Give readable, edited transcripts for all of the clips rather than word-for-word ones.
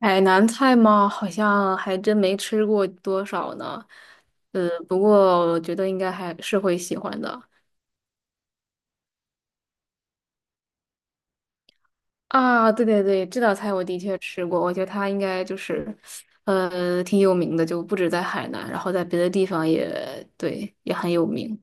海南菜吗？好像还真没吃过多少呢。不过我觉得应该还是会喜欢的啊。对对对，这道菜我的确吃过，我觉得它应该就是，挺有名的，就不止在海南，然后在别的地方也对，也很有名。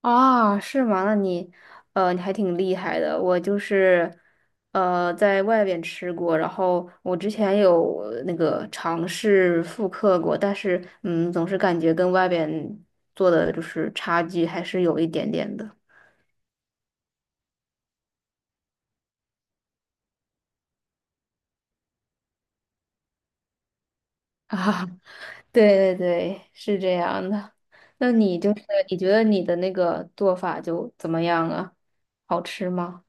啊，是吗？那你，你还挺厉害的。我就是，在外边吃过，然后我之前有那个尝试复刻过，但是，嗯，总是感觉跟外边做的就是差距还是有一点点的。啊，对对对，是这样的。那你就是，你觉得你的那个做法就怎么样啊？好吃吗？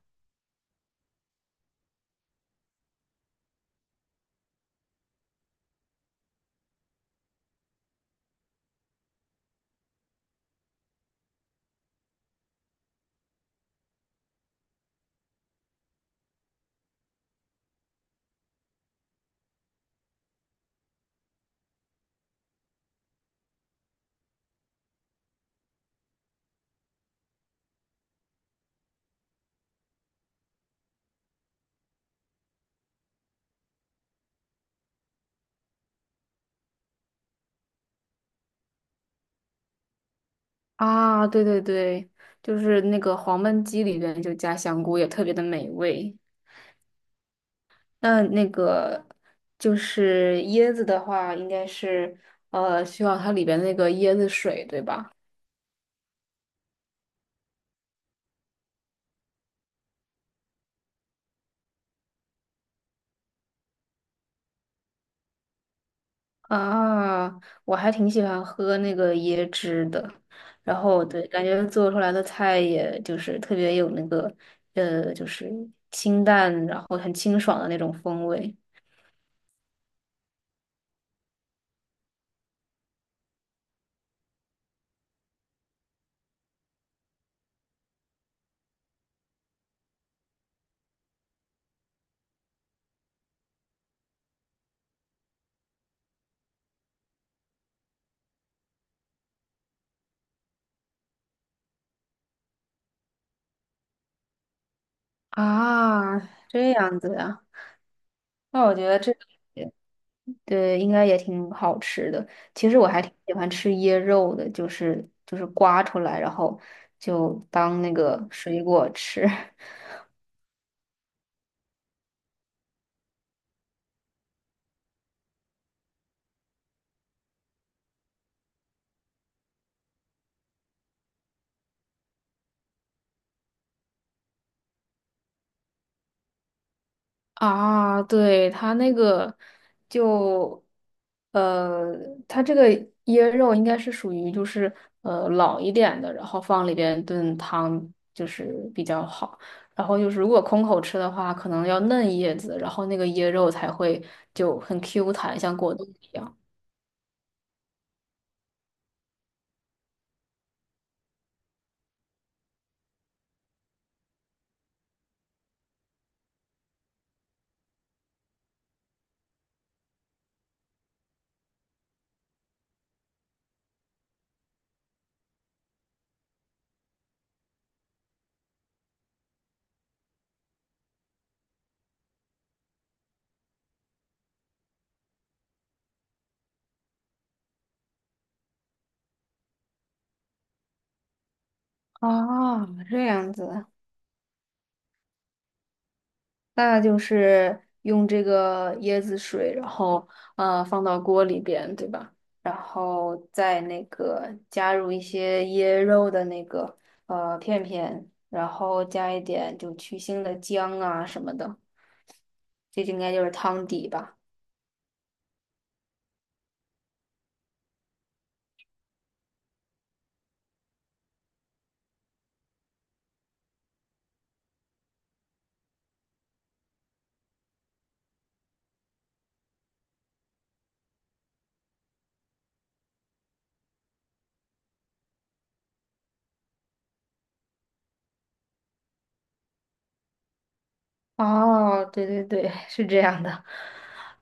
啊，对对对，就是那个黄焖鸡里边就加香菇，也特别的美味。那那个就是椰子的话，应该是需要它里边那个椰子水，对吧？啊，我还挺喜欢喝那个椰汁的。然后对，感觉做出来的菜也就是特别有那个就是清淡，然后很清爽的那种风味。啊，这样子呀，那我觉得这个。对，应该也挺好吃的。其实我还挺喜欢吃椰肉的，就是刮出来，然后就当那个水果吃。啊，对，它那个就，呃，它这个椰肉应该是属于就是老一点的，然后放里边炖汤就是比较好。然后就是如果空口吃的话，可能要嫩叶子，然后那个椰肉才会就很 Q 弹，像果冻一样。啊，这样子，那就是用这个椰子水，然后放到锅里边，对吧？然后再那个加入一些椰肉的那个片片，然后加一点就去腥的姜啊什么的，这应该就是汤底吧。哦，对对对，是这样的。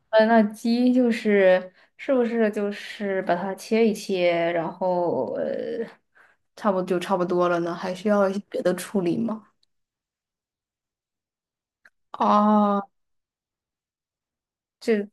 呃，那鸡就是是不是就是把它切一切，然后差不多就差不多了呢？还需要一些别的处理吗？哦，这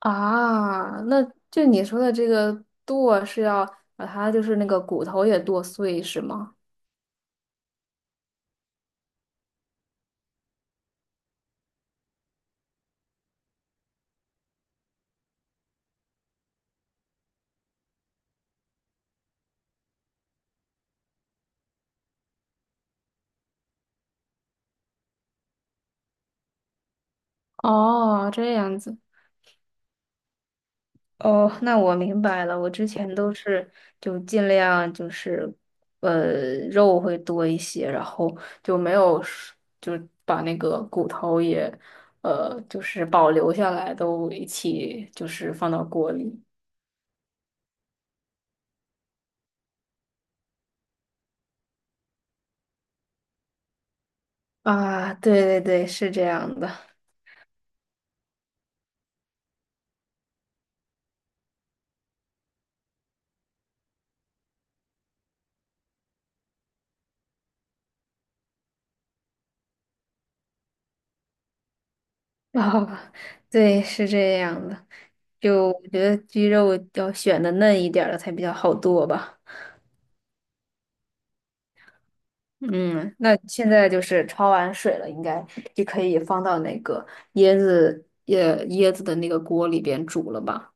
啊，那就你说的这个剁是要把它就是那个骨头也剁碎是吗？哦，这样子。哦，那我明白了。我之前都是就尽量就是，肉会多一些，然后就没有是就把那个骨头也，就是保留下来，都一起就是放到锅里。啊，对对对，是这样的。啊，对，是这样的。就我觉得鸡肉要选的嫩一点儿的才比较好剁吧。嗯，那现在就是焯完水了，应该就可以放到那个椰子的那个锅里边煮了吧？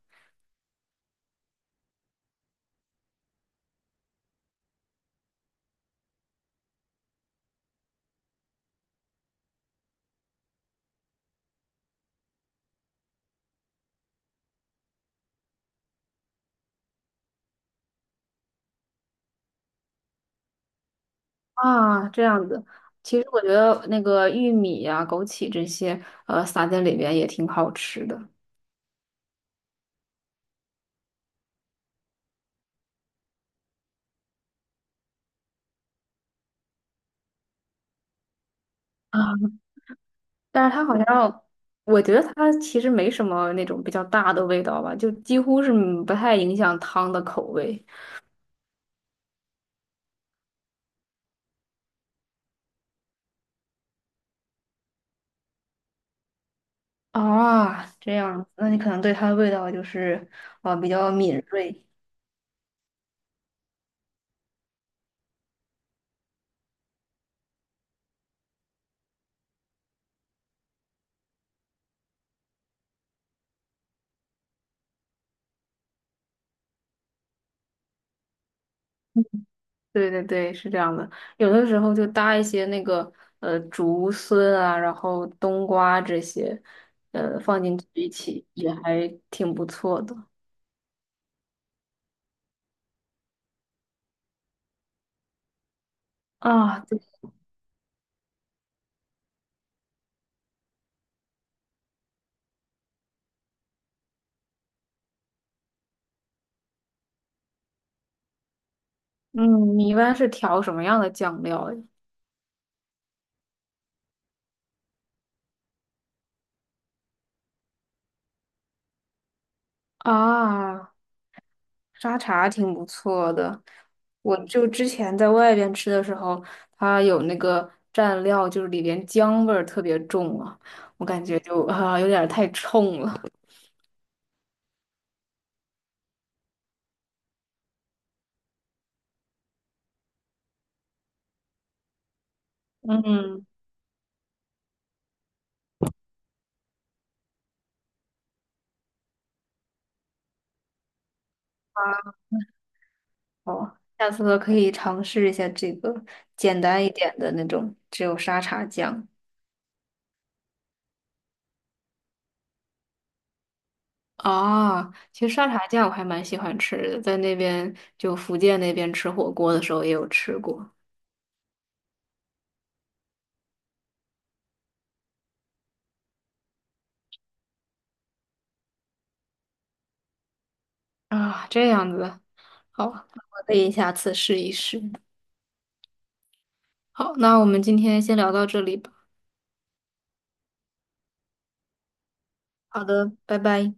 啊，这样子。其实我觉得那个玉米呀、枸杞这些，撒在里边也挺好吃的。啊，但是它好像，我觉得它其实没什么那种比较大的味道吧，就几乎是嗯不太影响汤的口味。啊，这样子。那你可能对它的味道就是，比较敏锐。对对对，是这样的。有的时候就搭一些那个竹荪啊，然后冬瓜这些，放进去一起也还挺不错的啊。对，嗯，你一般是调什么样的酱料呀？啊，沙茶挺不错的。我就之前在外边吃的时候，它有那个蘸料，就是里边姜味儿特别重啊，我感觉就啊有点儿太冲了。嗯。啊。哦，下次可以尝试一下这个简单一点的那种，只有沙茶酱。啊，其实沙茶酱我还蛮喜欢吃的，在那边就福建那边吃火锅的时候也有吃过。啊，这样子，好，那我可以下次试一试。好，那我们今天先聊到这里吧。好的，拜拜。